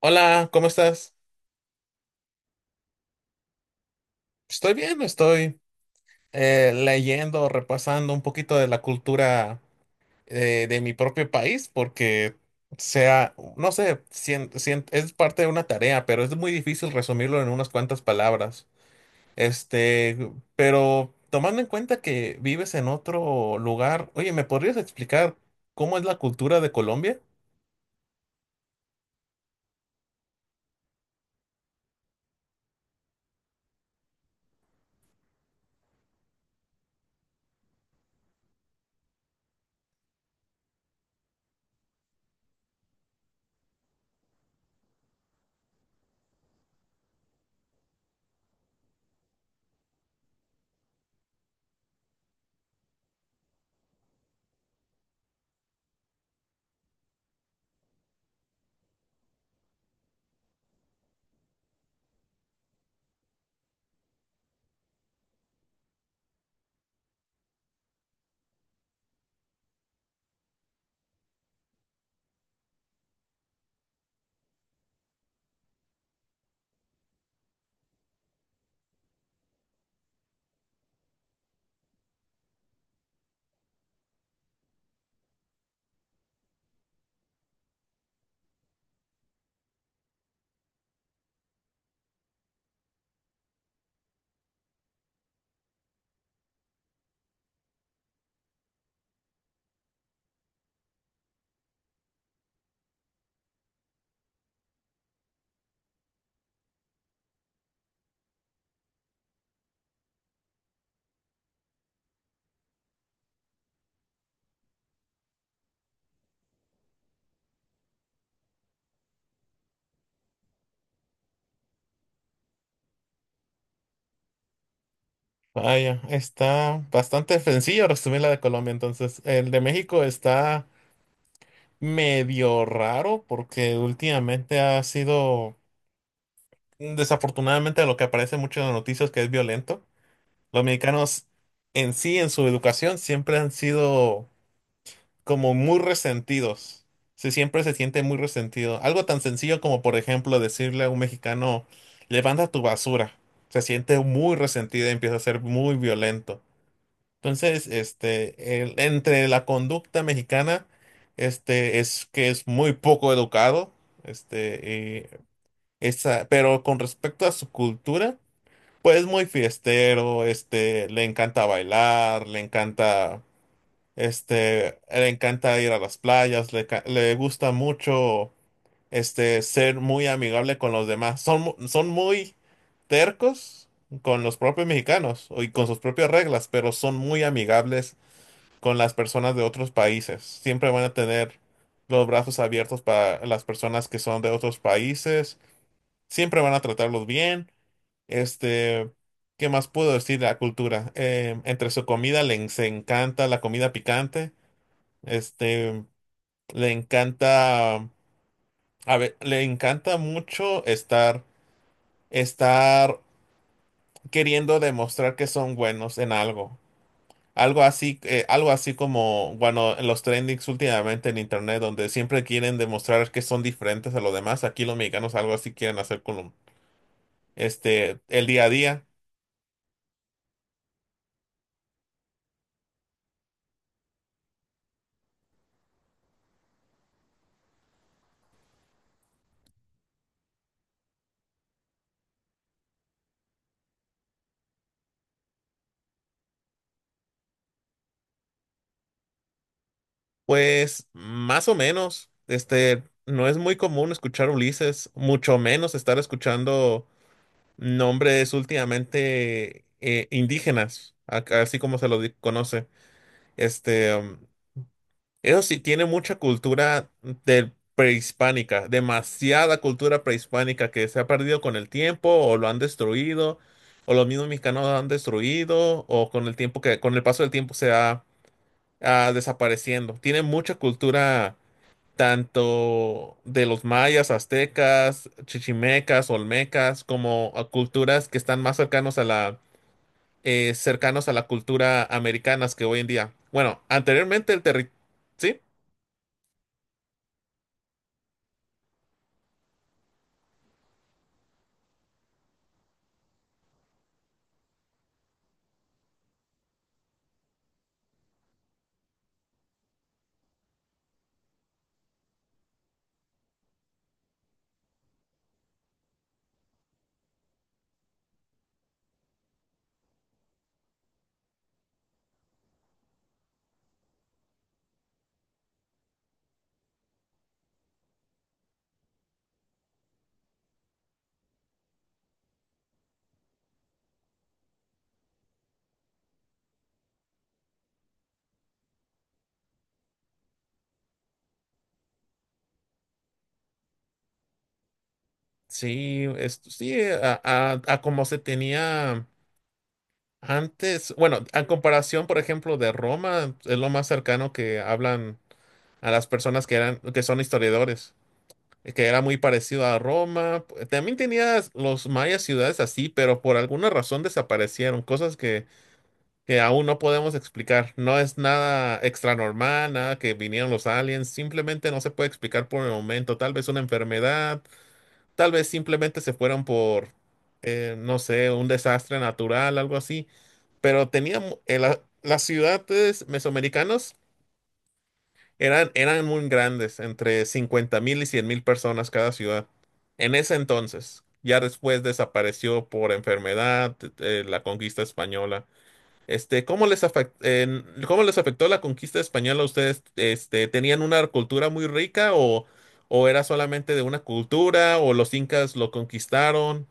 Hola, ¿cómo estás? Estoy bien, estoy leyendo, repasando un poquito de la cultura de mi propio país, porque sea, no sé, es parte de una tarea, pero es muy difícil resumirlo en unas cuantas palabras. Pero tomando en cuenta que vives en otro lugar, oye, ¿me podrías explicar cómo es la cultura de Colombia? Vaya, está bastante sencillo resumir la de Colombia, entonces. El de México está medio raro porque últimamente ha sido, desafortunadamente, lo que aparece mucho en las noticias que es violento. Los mexicanos en sí, en su educación, siempre han sido como muy resentidos. Se Siempre se siente muy resentido. Algo tan sencillo como, por ejemplo, decirle a un mexicano, levanta tu basura. Se siente muy resentido y empieza a ser muy violento. Entonces, entre la conducta mexicana, es que es muy poco educado, este, pero con respecto a su cultura, pues es muy fiestero, le encanta bailar, le encanta ir a las playas, le gusta mucho, ser muy amigable con los demás. Son muy tercos con los propios mexicanos y con sus propias reglas, pero son muy amigables con las personas de otros países. Siempre van a tener los brazos abiertos para las personas que son de otros países. Siempre van a tratarlos bien. Este, ¿qué más puedo decir de la cultura? Entre su comida les encanta la comida picante. Este, le encanta, a ver, le encanta mucho estar queriendo demostrar que son buenos en algo. Algo así como, bueno, en los trendings últimamente en internet, donde siempre quieren demostrar que son diferentes a los demás, aquí los mexicanos algo así quieren hacer el día a día. Pues más o menos, no es muy común escuchar Ulises, mucho menos estar escuchando nombres últimamente indígenas, así como conoce. Este, um, Eso sí, tiene mucha cultura del prehispánica, demasiada cultura prehispánica que se ha perdido con el tiempo o lo han destruido, o los mismos mexicanos lo han destruido, o con el tiempo que, con el paso del tiempo se ha desapareciendo. Tiene mucha cultura tanto de los mayas, aztecas, chichimecas, olmecas, como a culturas que están más cercanos a la cultura americanas que hoy en día. Bueno, anteriormente el territorio. Sí, esto sí, a como se tenía antes, bueno, en comparación, por ejemplo, de Roma, es lo más cercano que hablan a las personas que eran, que son historiadores, que era muy parecido a Roma. También tenías los mayas ciudades así, pero por alguna razón desaparecieron, cosas que aún no podemos explicar. No es nada extra normal, nada que vinieron los aliens, simplemente no se puede explicar por el momento, tal vez una enfermedad. Tal vez simplemente se fueron por, no sé, un desastre natural, algo así. Pero tenía, eh, las ciudades mesoamericanas eran muy grandes, entre 50 mil y 100 mil personas cada ciudad. En ese entonces, ya después desapareció por enfermedad, la conquista española. ¿Cómo les cómo les afectó la conquista española a ustedes? ¿Tenían una cultura muy rica o era solamente de una cultura o los incas lo conquistaron?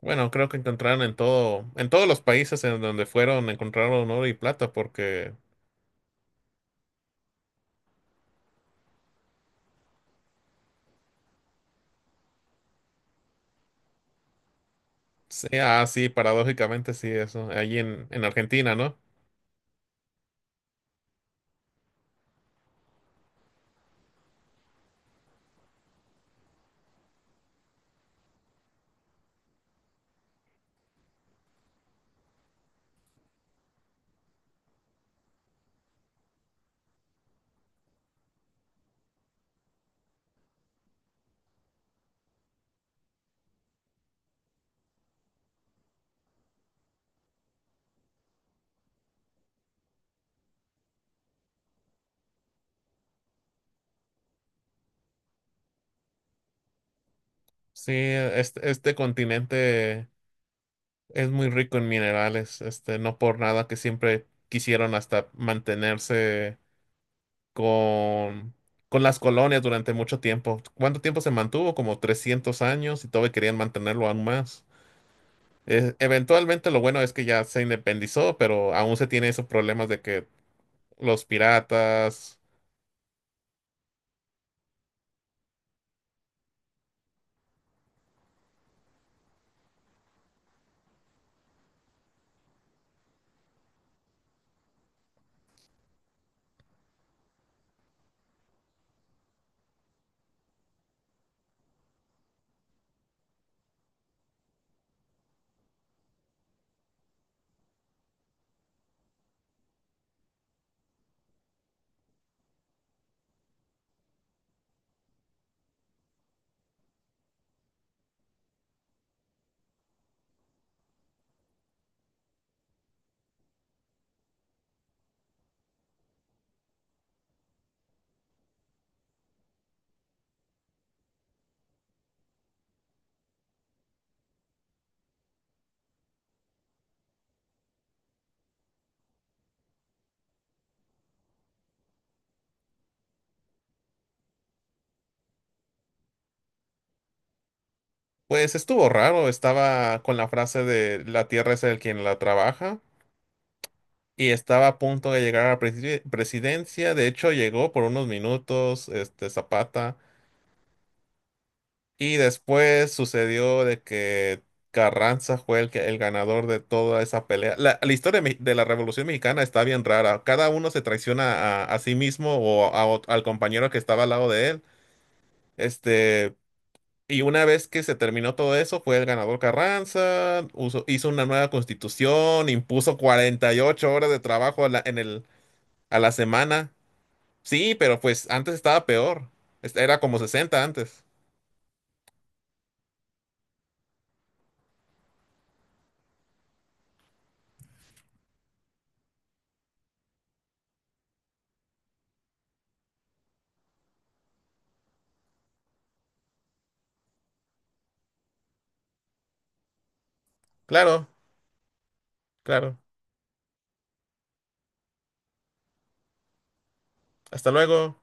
Bueno, creo que encontraron en todo, en todos los países en donde fueron, encontraron oro y plata, porque sí, sí, paradójicamente sí, eso, allí en Argentina, ¿no? Sí, este continente es muy rico en minerales, no por nada que siempre quisieron hasta mantenerse con, con las colonias durante mucho tiempo. ¿Cuánto tiempo se mantuvo? Como 300 años y todavía querían mantenerlo aún más. Eventualmente lo bueno es que ya se independizó, pero aún se tiene esos problemas de que los piratas. Pues estuvo raro, estaba con la frase de la tierra es el quien la trabaja y estaba a punto de llegar a la presidencia, de hecho llegó por unos minutos, este Zapata, y después sucedió de que Carranza fue el ganador de toda esa pelea. La historia de la Revolución Mexicana está bien rara, cada uno se traiciona a sí mismo o al compañero que estaba al lado de él. Este, Y una vez que se terminó todo eso, fue el ganador Carranza, hizo una nueva constitución, impuso 48 horas de trabajo a la semana. Sí, pero pues antes estaba peor. Era como 60 antes. Claro, claro. Hasta luego.